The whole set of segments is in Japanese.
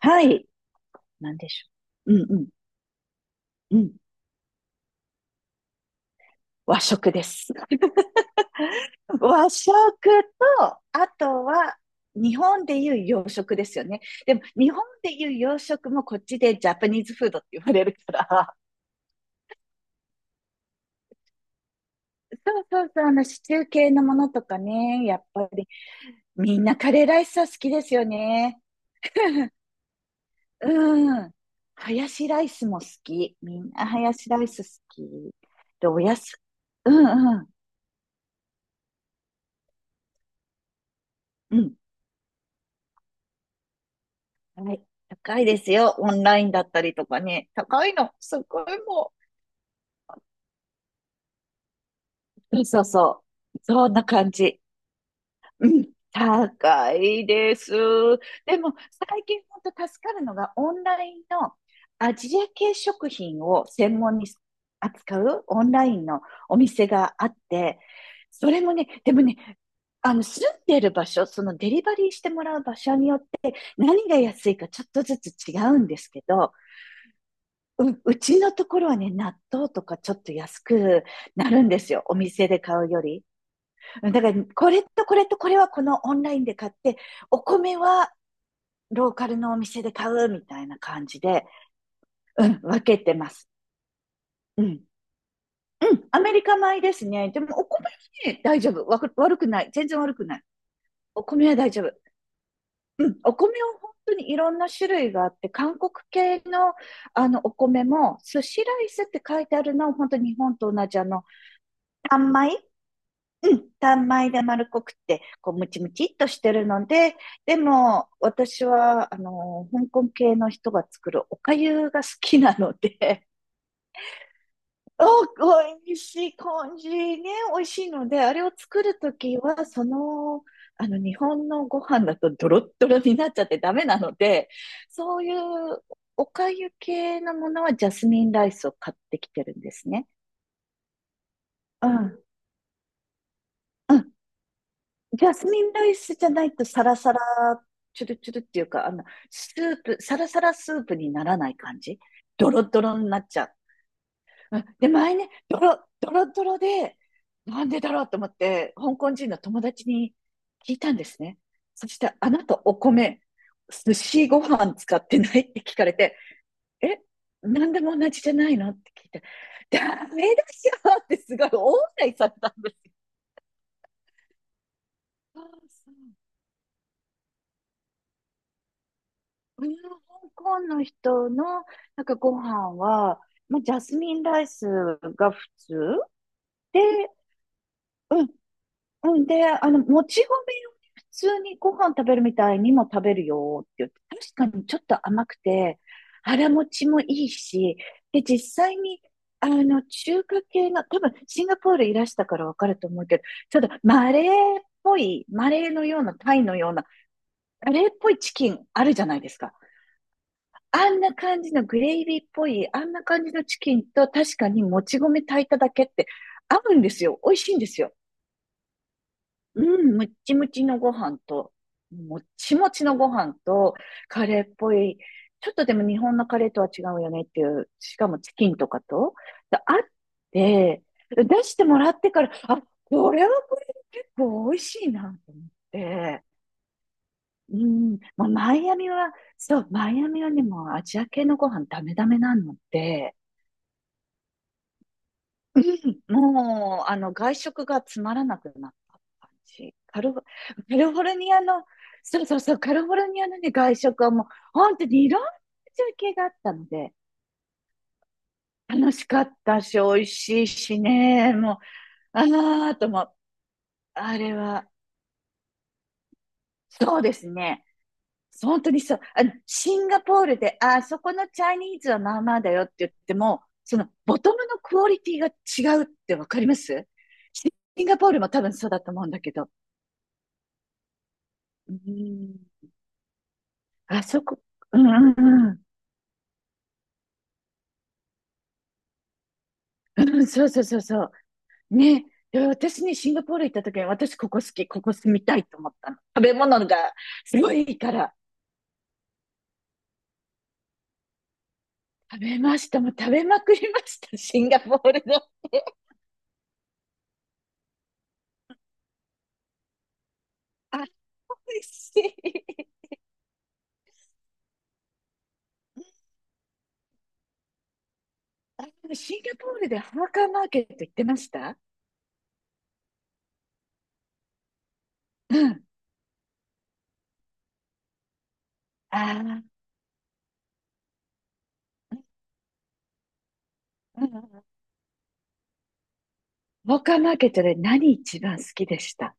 はい。なんでしょう。うんうん。うん。和食です。和食と、あとは、日本でいう洋食ですよね。でも、日本でいう洋食もこっちでジャパニーズフードって言われるから。そうそうそう、シチュー系のものとかね、やっぱり、みんなカレーライスは好きですよね。うん。ハヤシライスも好き。みんなハヤシライス好き。で、おやす、うんうん。うん。はい。高いですよ。オンラインだったりとかね。高いの。すごいもう。そうそう。そんな感じ。うん。高いです。でも、最近本当助かるのが、オンラインのアジア系食品を専門に扱うオンラインのお店があって、それもね、でもね、住んでる場所、そのデリバリーしてもらう場所によって何が安いかちょっとずつ違うんですけど、うちのところはね、納豆とかちょっと安くなるんですよ。お店で買うより。だから、これとこれとこれはこのオンラインで買って、お米はローカルのお店で買うみたいな感じで、うん、分けてます。うん。うん、アメリカ米ですね。でも、お米はね、大丈夫。わく悪くない。全然悪くない。お米は大丈夫。うん、お米は本当にいろんな種類があって、韓国系のあのお米も、寿司ライスって書いてあるのは、本当に日本と同じあの、単米うん、単米で丸っこくって、こう、ムチムチっとしてるので、でも、私は、香港系の人が作るおかゆが好きなので、お、美味しい感じね、美味しいので、あれを作るときは、日本のご飯だとドロッドロになっちゃってダメなので、そういうおかゆ系のものはジャスミンライスを買ってきてるんですね。うん。うん。ジャスミンライスじゃないとサラサラ、チュルチュルっていうか、スープ、サラサラスープにならない感じ。ドロドロになっちゃう。うんで、前ね、ドロドロで、なんでだろうと思って、香港人の友達に聞いたんですね。そして、あなたお米、寿司ご飯使ってないって聞かれて、え、なんでも同じじゃないのって聞いて、ダメだよってすごい大笑いされたんですよ。ああ、そう、うん、香港の人のなんかご飯は、まあ、ジャスミンライスが普通で、うん、うんで、もち米を普通にご飯食べるみたいにも食べるよって言って、確かにちょっと甘くて、腹持ちもいいし、で、実際に、中華系の、多分シンガポールいらしたからわかると思うけど、ちょっとマレーっぽい、マレーのような、タイのような、マレーっぽいチキンあるじゃないですか。あんな感じのグレイビーっぽい、あんな感じのチキンと確かにもち米炊いただけって合うんですよ。美味しいんですよ。うん、むっちむちのご飯と、もっちもちのご飯と、カレーっぽい、ちょっとでも日本のカレーとは違うよねっていう、しかもチキンとかと、であって、出してもらってから、あ、これはこれで結構美味しいなと思って、うん、まあ、マイアミは、そう、マイアミはね、もうアジア系のご飯ダメダメなので、うんもう、外食がつまらなくなった感じ。カリフォルニアの、そうそうそう、カリフォルニアのね、外食はもう、本当にいろんな中継があったので、楽しかったし、美味しいしね、もう、あーとも、あれは、そうですね。本当にそう。シンガポールで、あ、そこのチャイニーズはまあまあだよって言っても、そのボトムのクオリティが違うってわかります？シンガポールも多分そうだと思うんだけど。うん。あそこ、うんうんうん。うん、そうそうそうそう。ね。で私にシンガポール行った時に、私ここ好き、ここ住みたいと思ったの。食べ物がすごいいいから。食べました。もう食べまくりました。シンガポールの。あ、美味しい。あ、シンガポールでハーカーマーケット行ってました？うん。ああ、うんうんうん。ハーカーマーケットで何一番好きでした？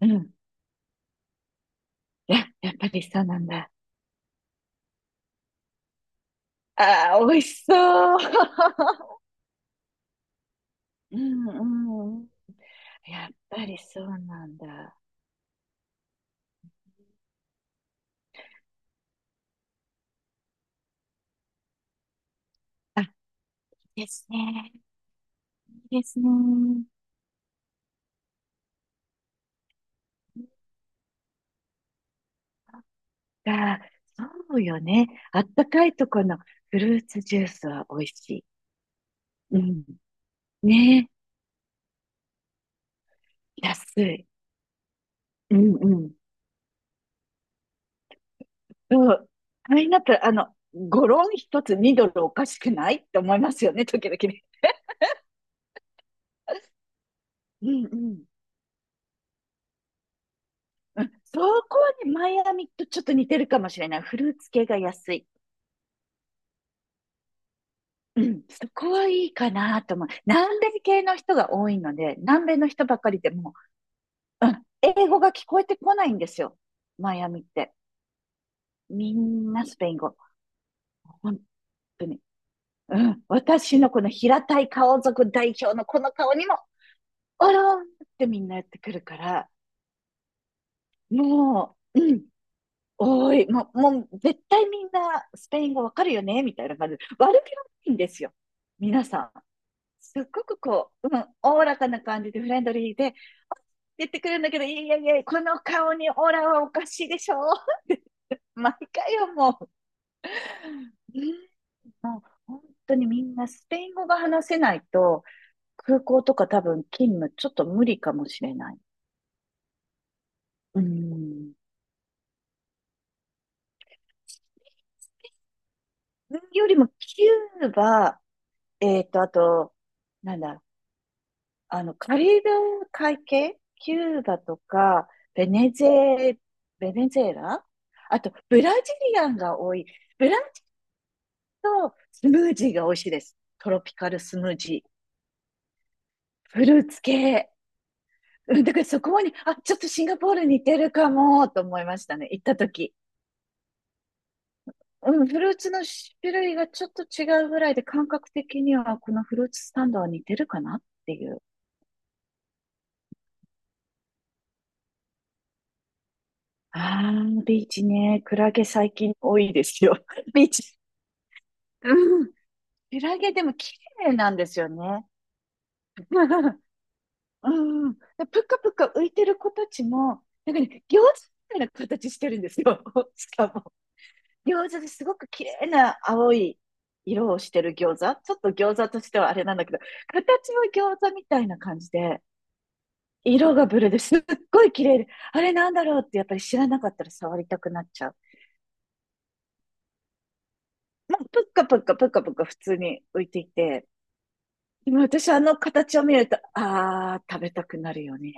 うん。いや、やっぱりそうなんだ。ああ、美味しそう。うんうんうん。やっぱりそうなんだ。あ、いいですね。いいですね。あ、そうよね。あったかいとこのフルーツジュースは美味しい。うん。ねえ。安い。うんうん。うん。あれになったら、ゴロン一つ2ドルおかしくないって思いますよね、時々ね。うんうん。うんそこはね、マイアミとちょっと似てるかもしれない。フルーツ系が安い。うん、そこはいいかなと思う。南米系の人が多いので、南米の人ばかりでもう、うん、英語が聞こえてこないんですよ。マイアミって。みんなスペイン語。本当に。うん、私のこの平たい顔族代表のこの顔にも、おろーんってみんなやってくるから、もう、うん、多い。もう、もう絶対みんなスペイン語わかるよねみたいな感じで。悪気はないんですよ。皆さん。すっごくこう、うん、おおらかな感じでフレンドリーで言ってくるんだけど、いやいや、この顔にオーラはおかしいでしょ 毎回よ、もう。もう本当にみんなスペイン語が話せないと、空港とか多分勤務ちょっと無理かもしれない。うん。よりもキューバ、えっと、あと、なんだ、カリブ海系、キューバとか、ベネズエ、ベネズエラあと、ブラジリアンが多い。ブランとスムージーが美味しいです。トロピカルスムージー。フルーツ系。うんだからそこに、あ、ちょっとシンガポール似てるかも、と思いましたね。行った時。うん、フルーツの種類がちょっと違うぐらいで、感覚的にはこのフルーツスタンドは似てるかなっていう。ああ、ビーチね。クラゲ最近多いですよ。ビーチ。うんクラゲでも綺麗なんですよね。うん。でぷかぷか浮いてる子たちも、なんかね、餃子みたいな形してるんですよ。しかも。餃子ですごく綺麗な青い色をしてる餃子。ちょっと餃子としてはあれなんだけど、形は餃子みたいな感じで、色がブルーですっごい綺麗で、あれなんだろうってやっぱり知らなかったら触りたくなっちゃう。まあ、ぷっかぷっかぷっかぷっか普通に浮いていて、でも私あの形を見ると、ああ、食べたくなるよね。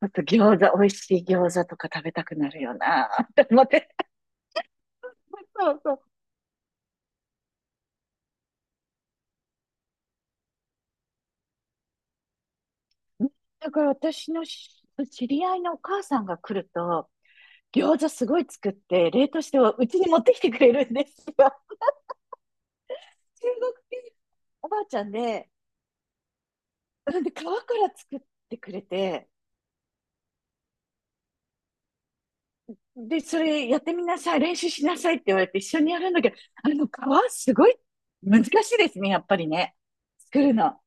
あと餃子、美味しい餃子とか食べたくなるよな、って思って。そうそう。だから私の知り合いのお母さんが来ると、餃子すごい作って、冷凍してはうちに持ってきてくれるんですよ。中国人おばあちゃんで、なんで皮から作ってくれて、で、それやってみなさい、練習しなさいって言われて一緒にやるんだけど、あの皮すごい難しいですね、やっぱりね。作るの。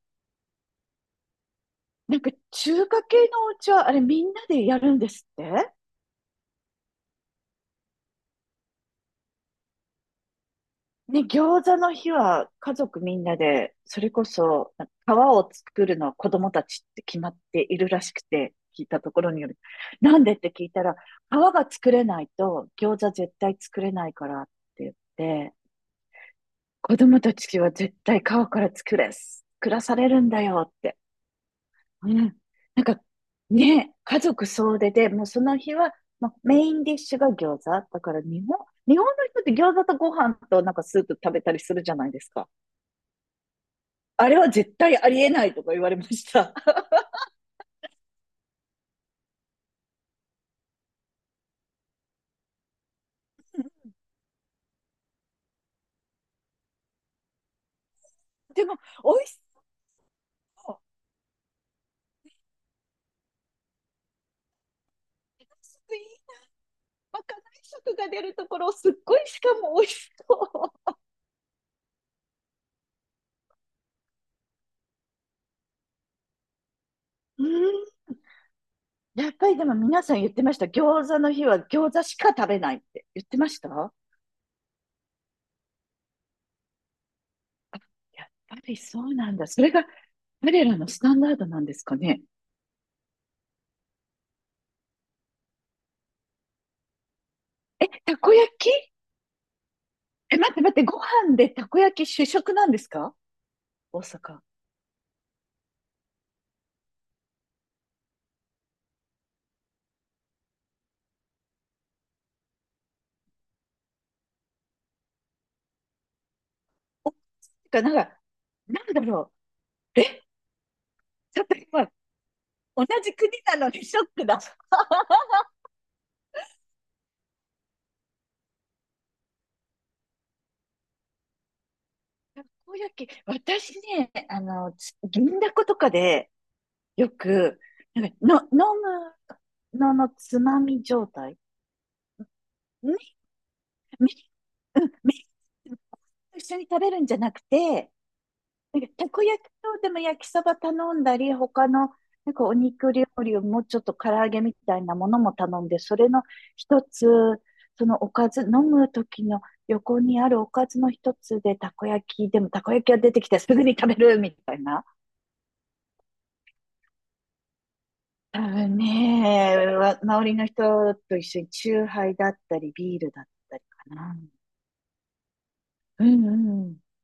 なんか中華系のお家はあれみんなでやるんですってね、餃子の日は家族みんなで、それこそ皮を作るのは子供たちって決まっているらしくて、聞いたところによる。なんでって聞いたら、皮が作れないと餃子絶対作れないからって言って、子供たちは絶対川から作らされるんだよって。うん。なんか、ね、家族総出で、もうその日は、まあ、メインディッシュが餃子。だから日本の人って餃子とご飯となんかスープ食べたりするじゃないですか。あれは絶対ありえないとか言われました。でも、美味しそう。すごい、まかない色が出るところ、すっごいしかも美味しそう。うん。やっぱりでも皆さん言ってました。餃子の日は餃子しか食べないって言ってました。あ、やっぱりそうなんだ。それが彼らのスタンダードなんですかね。え、たこ焼き？え、待って、ご飯でたこ焼き主食なんですか？大阪。お、てか、なんか、なんだろう。え、ちょっと今、同じ国なのにショックだ。たこ焼き、私ね、つ銀だことかで、よく、なんか、の、飲むののつまみ状態。ね、み、うん、み、一緒に食べるんじゃなくて、なんか、たこ焼きと、でも焼きそば頼んだり、他の、なんかお肉料理をもうちょっと唐揚げみたいなものも頼んで、それの一つ、そのおかず、飲む時の横にあるおかずの一つで、たこ焼き、でもたこ焼きが出てきてすぐに食べるみたいな。多分ね、わ周りの人と一緒にチューハイだったり、ビールだったりかな。うんうん。